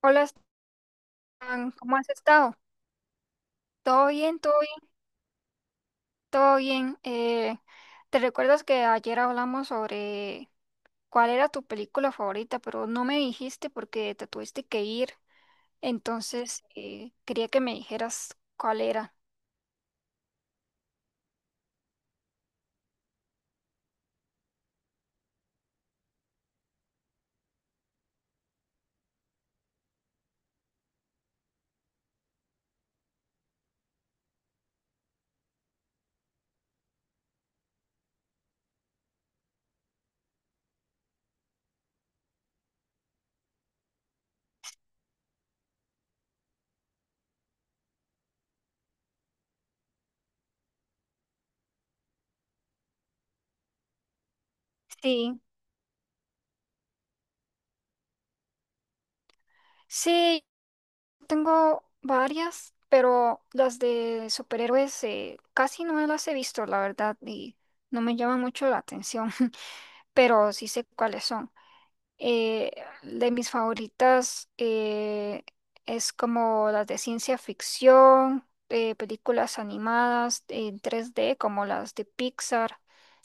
Hola, Stan, ¿cómo has estado? ¿Todo bien? ¿Todo bien? ¿Todo bien? ¿Te recuerdas que ayer hablamos sobre cuál era tu película favorita, pero no me dijiste porque te tuviste que ir? Entonces, quería que me dijeras cuál era. Sí, sí, tengo varias, pero las de superhéroes casi no las he visto, la verdad, y no me llaman mucho la atención, pero sí sé cuáles son. Eh, de mis favoritas es como las de ciencia ficción, películas animadas en 3D como las de Pixar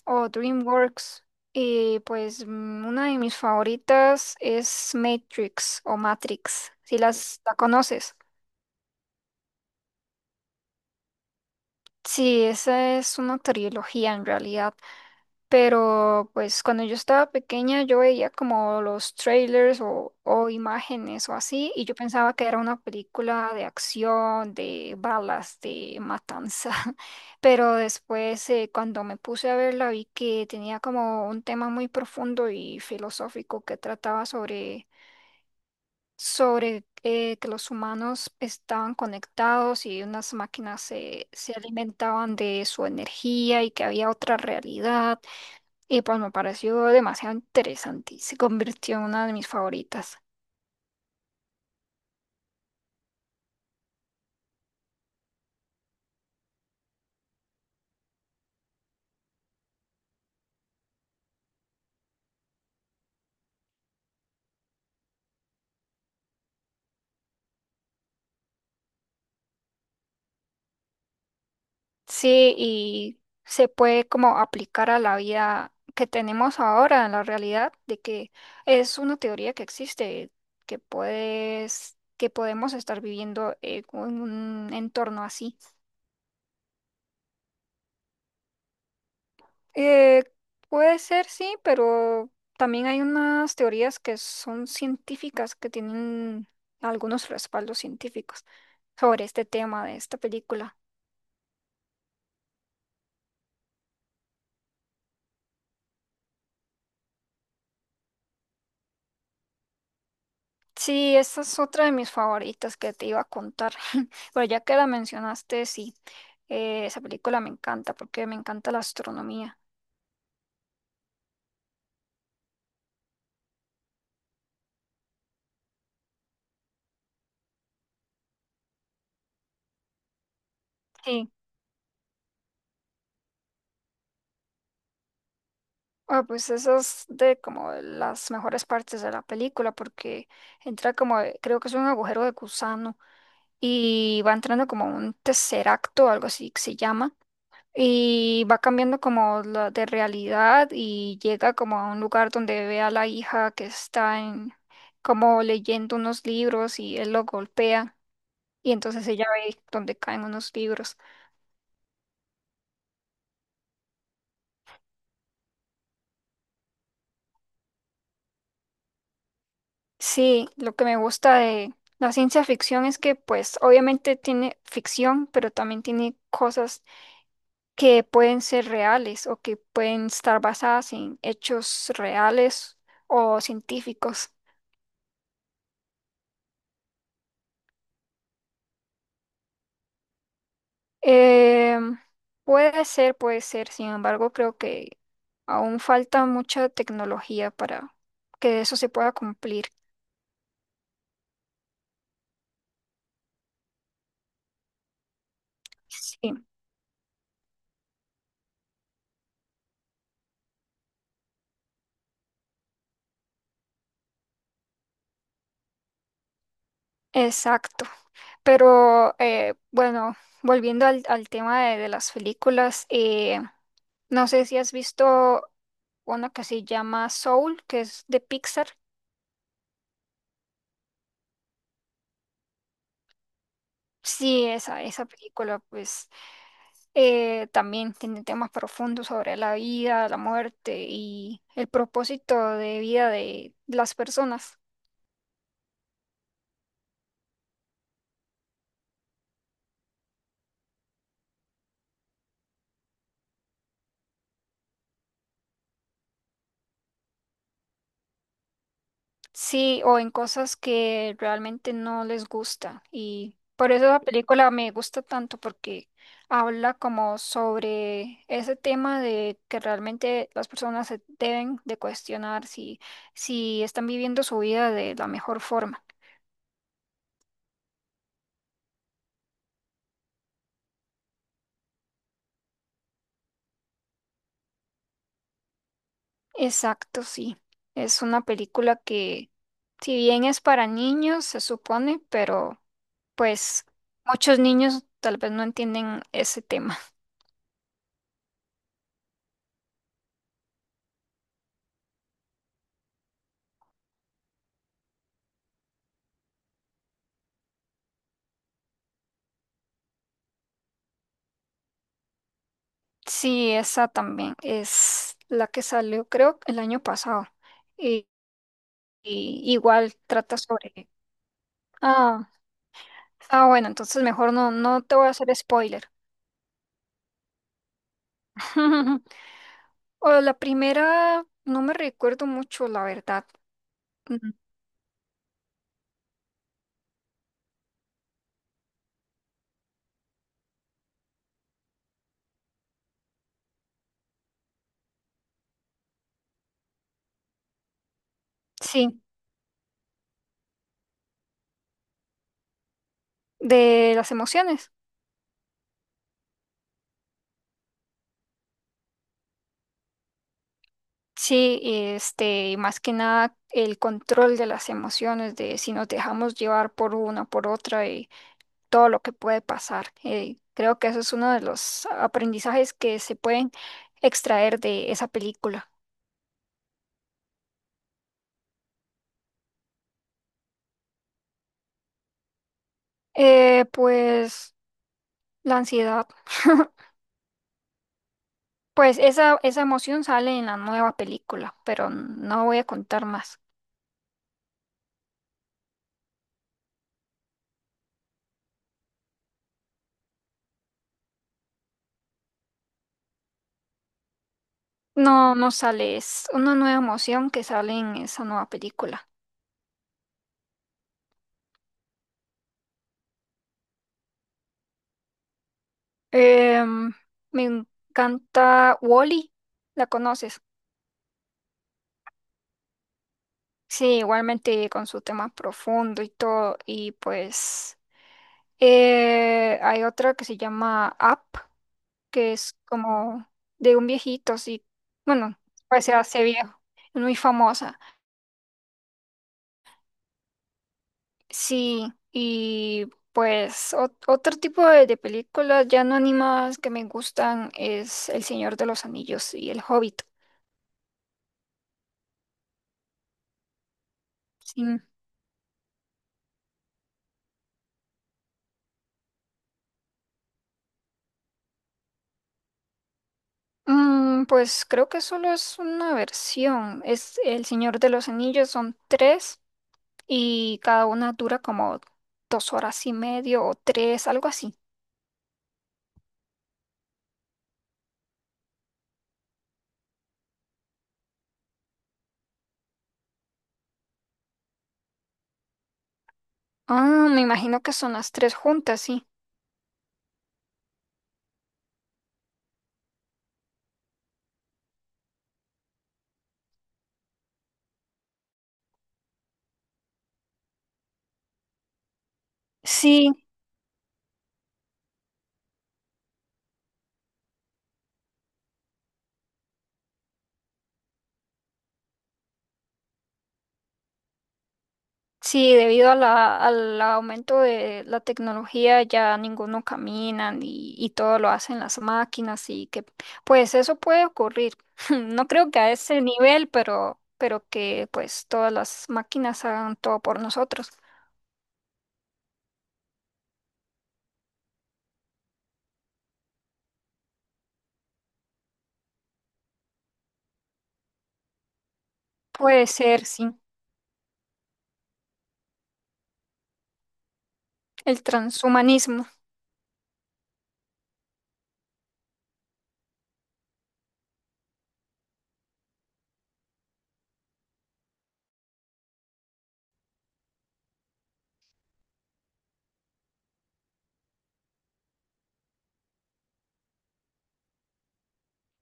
o DreamWorks. Y pues una de mis favoritas es Matrix o Matrix, si las la conoces. Sí, esa es una trilogía en realidad. Pero pues cuando yo estaba pequeña yo veía como los trailers o imágenes o así y yo pensaba que era una película de acción, de balas, de matanza. Pero después cuando me puse a verla vi que tenía como un tema muy profundo y filosófico que trataba sobre, sobre que los humanos estaban conectados y unas máquinas se alimentaban de su energía y que había otra realidad. Y pues me pareció demasiado interesante y se convirtió en una de mis favoritas. Sí, y se puede como aplicar a la vida que tenemos ahora, en la realidad, de que es una teoría que existe, que puedes, que podemos estar viviendo en un entorno así. Eh, Puede ser, sí, pero también hay unas teorías que son científicas, que tienen algunos respaldos científicos sobre este tema de esta película. Sí, esta es otra de mis favoritas que te iba a contar, pero ya que la mencionaste, sí, esa película me encanta porque me encanta la astronomía. Sí, ah, pues esa es de como de las mejores partes de la película porque entra como, creo que es un agujero de gusano y va entrando como un tesseracto o algo así que se llama. Y va cambiando como la de realidad y llega como a un lugar donde ve a la hija que está en, como leyendo unos libros y él lo golpea y entonces ella ve donde caen unos libros. Sí, lo que me gusta de la ciencia ficción es que pues obviamente tiene ficción, pero también tiene cosas que pueden ser reales o que pueden estar basadas en hechos reales o científicos. Em, Puede ser, puede ser. Sin embargo, creo que aún falta mucha tecnología para que eso se pueda cumplir. Sí, exacto. Pero bueno, volviendo al tema de las películas, no sé si has visto una que se llama Soul, que es de Pixar. Sí, esa película, pues también tiene temas profundos sobre la vida, la muerte y el propósito de vida de las personas. Sí, o en cosas que realmente no les gusta. Y por eso la película me gusta tanto porque habla como sobre ese tema de que realmente las personas se deben de cuestionar si, si están viviendo su vida de la mejor forma. Exacto, sí. Es una película que, si bien es para niños, se supone, pero pues muchos niños tal vez no entienden ese tema. Sí, esa también es la que salió, creo, el año pasado. Y, y igual trata sobre... Ah, ah, bueno, entonces mejor no, no te voy a hacer spoiler. O la primera, no me recuerdo mucho, la verdad. Mm. Sí, de las emociones. Sí, este, y más que nada el control de las emociones, de si nos dejamos llevar por una, por otra y todo lo que puede pasar. Creo que eso es uno de los aprendizajes que se pueden extraer de esa película. Pues la ansiedad. Pues esa emoción sale en la nueva película, pero no voy a contar más. No, no sale, es una nueva emoción que sale en esa nueva película. Em, Me encanta Wally, ¿la conoces? Sí, igualmente con su tema profundo y todo. Y pues hay otra que se llama Up, que es como de un viejito, sí. Bueno, pues se hace viejo, es muy famosa. Sí, y pues otro tipo de películas ya no animadas que me gustan es El Señor de los Anillos y El Hobbit. Sí. Mm, pues creo que solo es una versión. Es El Señor de los Anillos, son tres y cada una dura como 2 horas y medio o tres, algo así. Ah, me imagino que son las tres juntas, sí. Sí, sí, debido a la, al aumento de la tecnología ya ninguno camina y todo lo hacen las máquinas y que pues eso puede ocurrir. No creo que a ese nivel, pero que pues todas las máquinas hagan todo por nosotros. Puede ser, sí, el transhumanismo.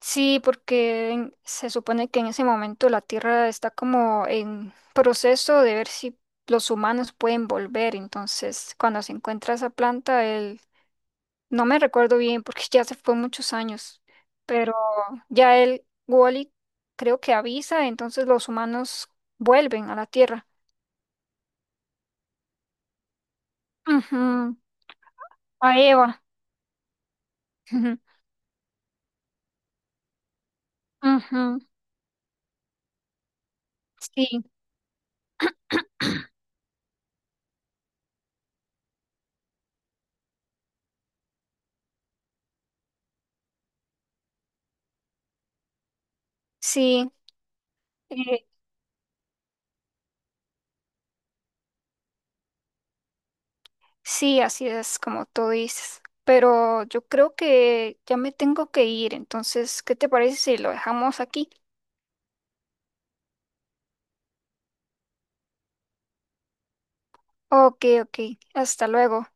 Sí, porque se supone que en ese momento la Tierra está como en proceso de ver si los humanos pueden volver. Entonces, cuando se encuentra esa planta, él, no me recuerdo bien porque ya se fue muchos años, pero ya él, Wally, creo que avisa, entonces los humanos vuelven a la Tierra. Ujú. A Eva. Ujú. Sí, sí. eh, Sí, así es como tú dices. Pero yo creo que ya me tengo que ir. Entonces, ¿qué te parece si lo dejamos aquí? Ok, ok. Hasta luego.